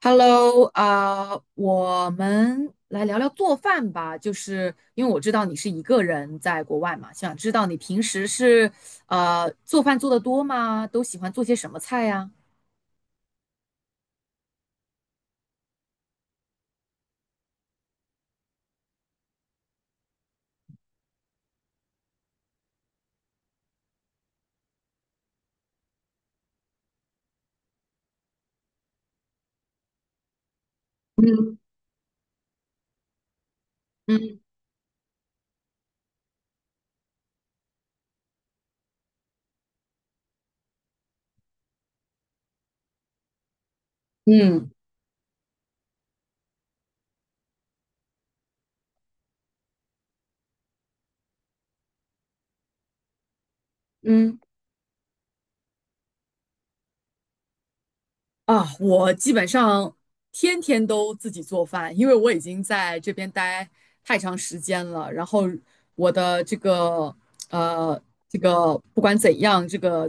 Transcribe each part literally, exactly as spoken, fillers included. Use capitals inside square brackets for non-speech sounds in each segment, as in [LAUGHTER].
Hello，啊、我们来聊聊做饭吧。就是因为我知道你是一个人在国外嘛，想知道你平时是呃做饭做得多吗？都喜欢做些什么菜呀？嗯嗯嗯嗯，啊，我基本上天天都自己做饭，因为我已经在这边待太长时间了。然后我的这个呃，这个不管怎样，这个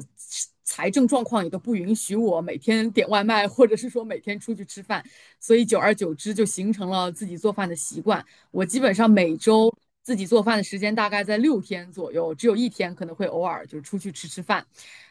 财政状况也都不允许我每天点外卖，或者是说每天出去吃饭。所以久而久之就形成了自己做饭的习惯。我基本上每周自己做饭的时间大概在六天左右，只有一天可能会偶尔就是出去吃吃饭。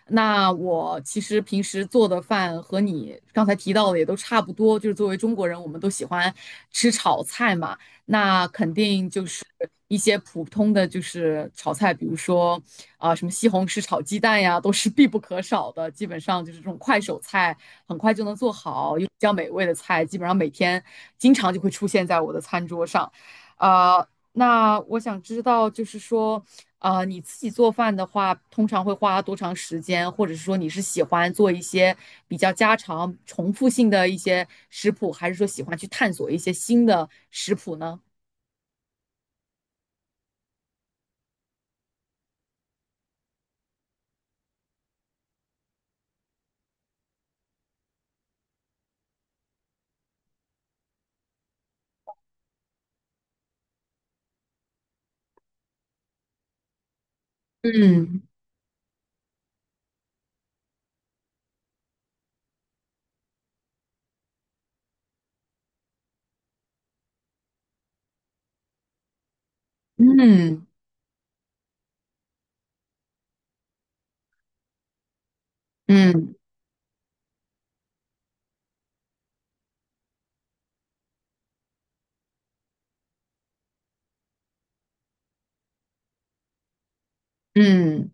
那我其实平时做的饭和你刚才提到的也都差不多，就是作为中国人，我们都喜欢吃炒菜嘛。那肯定就是一些普通的就是炒菜，比如说啊、什么西红柿炒鸡蛋呀，都是必不可少的。基本上就是这种快手菜，很快就能做好又比较美味的菜，基本上每天经常就会出现在我的餐桌上。啊，那我想知道，就是说，啊、呃你自己做饭的话，通常会花多长时间？或者是说你是喜欢做一些比较家常、重复性的一些食谱，还是说喜欢去探索一些新的食谱呢？嗯嗯嗯嗯。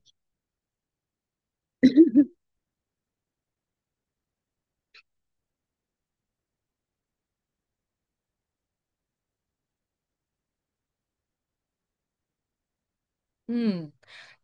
嗯，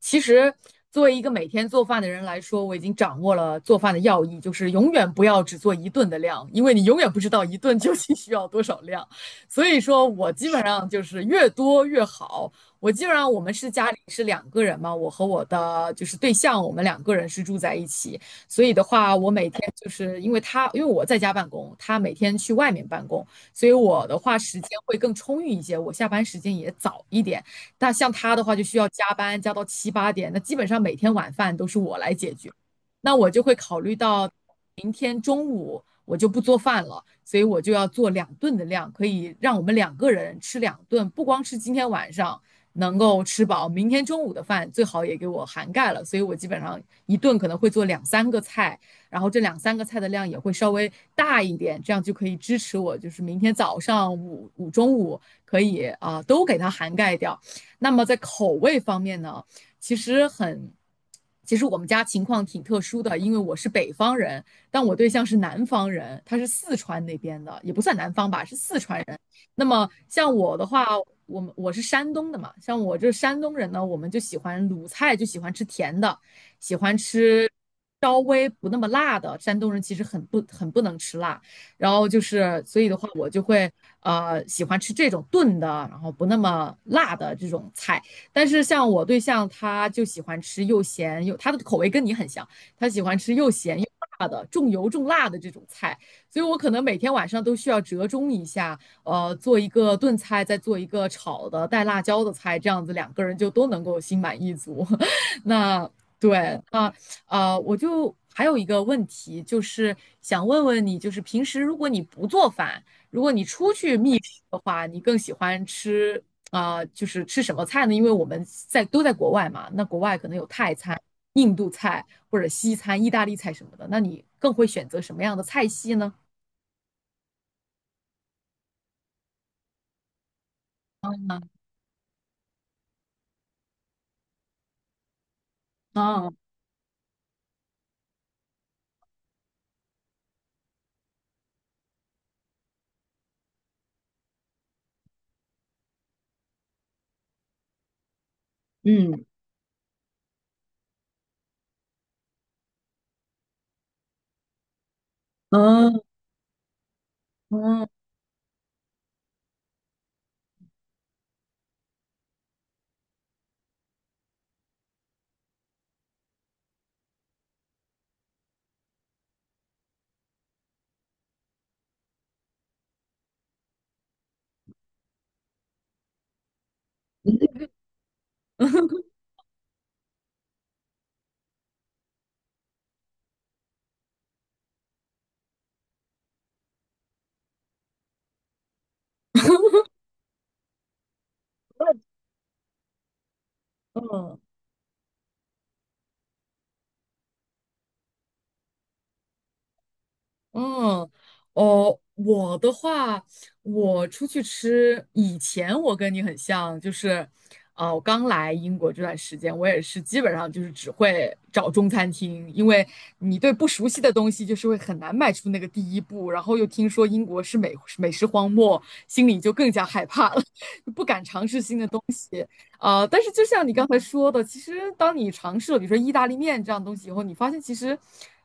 其实作为一个每天做饭的人来说，我已经掌握了做饭的要义，就是永远不要只做一顿的量，因为你永远不知道一顿究竟需要多少量。所以说我基本上就是越多越好。我基本上我们是家里是两个人嘛，我和我的就是对象，我们两个人是住在一起，所以的话，我每天就是因为他，因为我在家办公，他每天去外面办公，所以我的话时间会更充裕一些，我下班时间也早一点。那像他的话就需要加班，加到七八点，那基本上每天晚饭都是我来解决。那我就会考虑到我就不做饭了，所以我就要做两顿的量，可以让我们两个人吃两顿，不光是今天晚上能够吃饱，明天中午的饭最好也给我涵盖了。所以我基本上一顿可能会做两三个菜，然后这两三个菜的量也会稍微大一点，这样就可以支持我，就是明天早上、午午中午可以啊、呃都给它涵盖掉。那么在口味方面呢，其实很。其实我们家情况挺特殊的，因为我是北方人，但我对象是南方人，他是四川那边的，也不算南方吧，是四川人。那么像我的话，我们我是山东的嘛，像我这山东人呢，我们就喜欢鲁菜，就喜欢吃甜的，喜欢吃稍微不那么辣的。山东人其实很不很不能吃辣，然后就是所以的话，我就会呃喜欢吃这种炖的，然后不那么辣的这种菜。但是像我对象，他就喜欢吃又咸又，他的口味跟你很像。他喜欢吃又咸又辣的、重油重辣的这种菜，所以我可能每天晚上都需要折中一下，呃，做一个炖菜，再做一个炒的带辣椒的菜，这样子两个人就都能够心满意足。[LAUGHS] 那对，啊呃，我就还有一个问题，就是想问问你，就是平时如果你不做饭，如果你出去觅食的话，你更喜欢吃啊、呃就是吃什么菜呢？因为我们在都在国外嘛，那国外可能有泰餐。印度菜或者西餐、意大利菜什么的，那你更会选择什么样的菜系呢？啊，嗯，嗯，嗯，嗯。嗯嗯 [LAUGHS] 嗯，哦，我的话，我出去吃，以前我跟你很像，就是，呃，我刚来英国这段时间，我也是基本上就是只会找中餐厅，因为你对不熟悉的东西就是会很难迈出那个第一步，然后又听说英国是美美食荒漠，心里就更加害怕了，[LAUGHS] 不敢尝试新的。东。呃，但是就像你刚才说的，其实当你尝试了比如说意大利面这样东西以后，你发现其实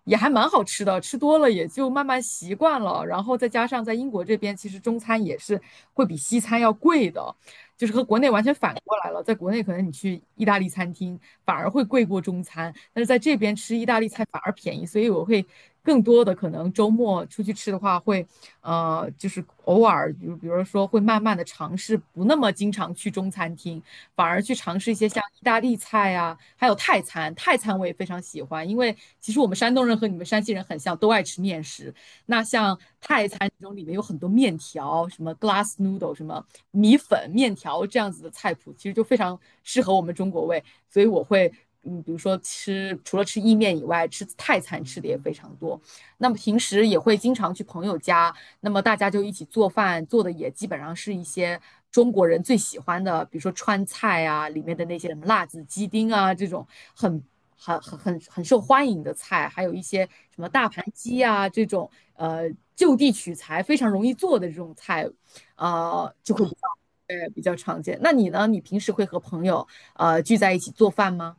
也还蛮好吃的，吃多了也就慢慢习惯了。然后再加上在英国这边，其实中餐也是会比西餐要贵的，就是和国内完全反过来了。在国内可能你去意大利餐厅反而会贵过中餐，但是在这边吃意大利菜反而便宜，所以我会更多的可能周末出去吃的话会。呃，就是偶尔，比如比如说会慢慢的尝试，不那么经常去中餐厅，反而去尝试一些像意大利菜啊，还有泰餐。泰餐我也非常喜欢，因为其实我们山东人和你们山西人很像，都爱吃面食。那像泰餐中里面有很多面条，什么 glass noodle，什么米粉、面条这样子的菜谱，其实就非常适合我们中国胃。所以我会，嗯，比如说吃除了吃意面以外，吃泰餐吃的也非常多。那么平时也会经常去朋友家。那么大家就一起做饭，做的也基本上是一些中国人最喜欢的，比如说川菜啊，里面的那些什么辣子鸡丁啊，这种很很很很很受欢迎的菜，还有一些什么大盘鸡啊这种，呃，就地取材非常容易做的这种菜，呃，就会比较对比较常见。那你呢？你平时会和朋友呃聚在一起做饭吗？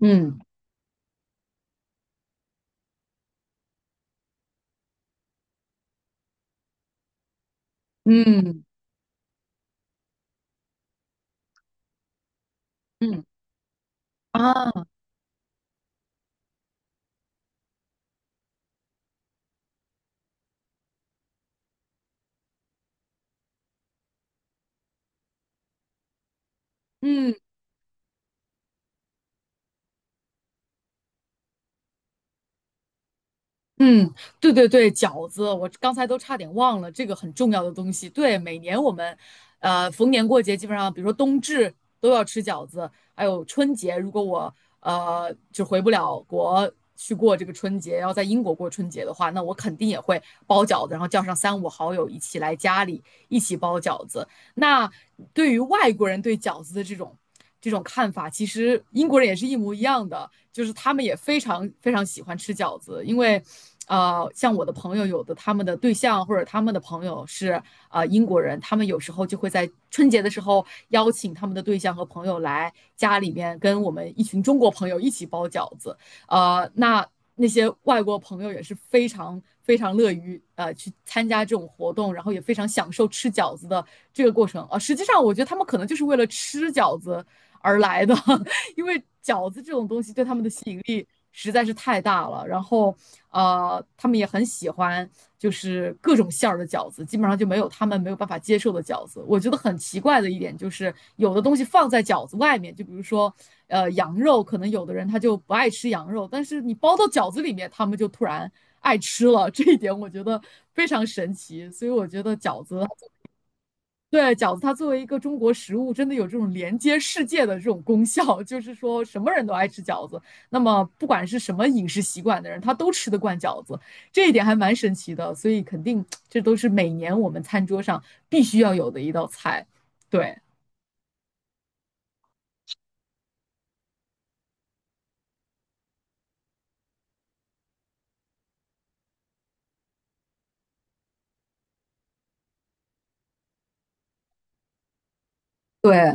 嗯嗯嗯。啊，嗯。嗯，对对对，饺子，我刚才都差点忘了这个很重要的东西。对，每年我们，呃，逢年过节基本上，比如说冬至都要吃饺子，还有春节，如果我呃就回不了国去过这个春节，要在英国过春节的话，那我肯定也会包饺子，然后叫上三五好友一起来家里一起包饺子。那对于外国人对饺子的这种这种看法，其实英国人也是一模一样的，就是他们也非常非常喜欢吃饺子，因为。呃，像我的朋友，有的他们的对象或者他们的朋友是呃英国人，他们有时候就会在春节的时候邀请他们的对象和朋友来家里面跟我们一群中国朋友一起包饺子，呃，那那些外国朋友也是非常非常乐于呃去参加这种活动，然后也非常享受吃饺子的这个过程啊、呃实际上，我觉得他们可能就是为了吃饺子而来的，因为饺子这种东西对他们的吸引力实在是太大了。然后，呃，他们也很喜欢，就是各种馅儿的饺子，基本上就没有他们没有办法接受的饺子。我觉得很奇怪的一点就是，有的东西放在饺子外面，就比如说，呃，羊肉，可能有的人他就不爱吃羊肉，但是你包到饺子里面，他们就突然爱吃了。这一点我觉得非常神奇，所以我觉得饺子对，饺子它作为一个中国食物，真的有这种连接世界的这种功效，[LAUGHS] 就是说什么人都爱吃饺子。那么不管是什么饮食习惯的人，他都吃得惯饺子，这一点还蛮神奇的。所以肯定这都是每年我们餐桌上必须要有的一道菜。对，对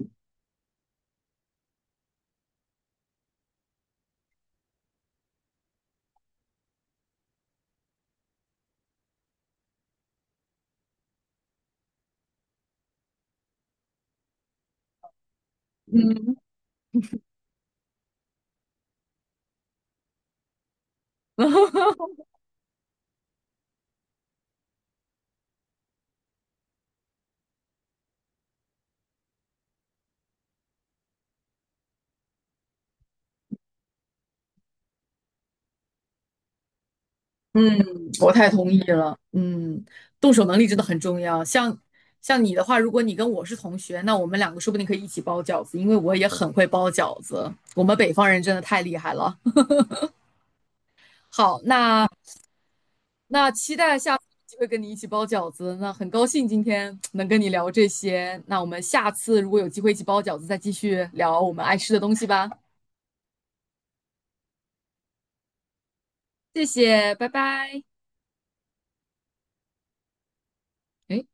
[LAUGHS]，嗯，我太同意了。嗯，动手能力真的很重要。像像你的话，如果你跟我是同学，那我们两个说不定可以一起包饺子，因为我也很会包饺子。我们北方人真的太厉害了。好，那那期待下次有机会跟你一起包饺子。那很高兴今天能跟你聊这些。那我们下次如果有机会一起包饺子，再继续聊我们爱吃的东西吧。谢谢，拜拜。诶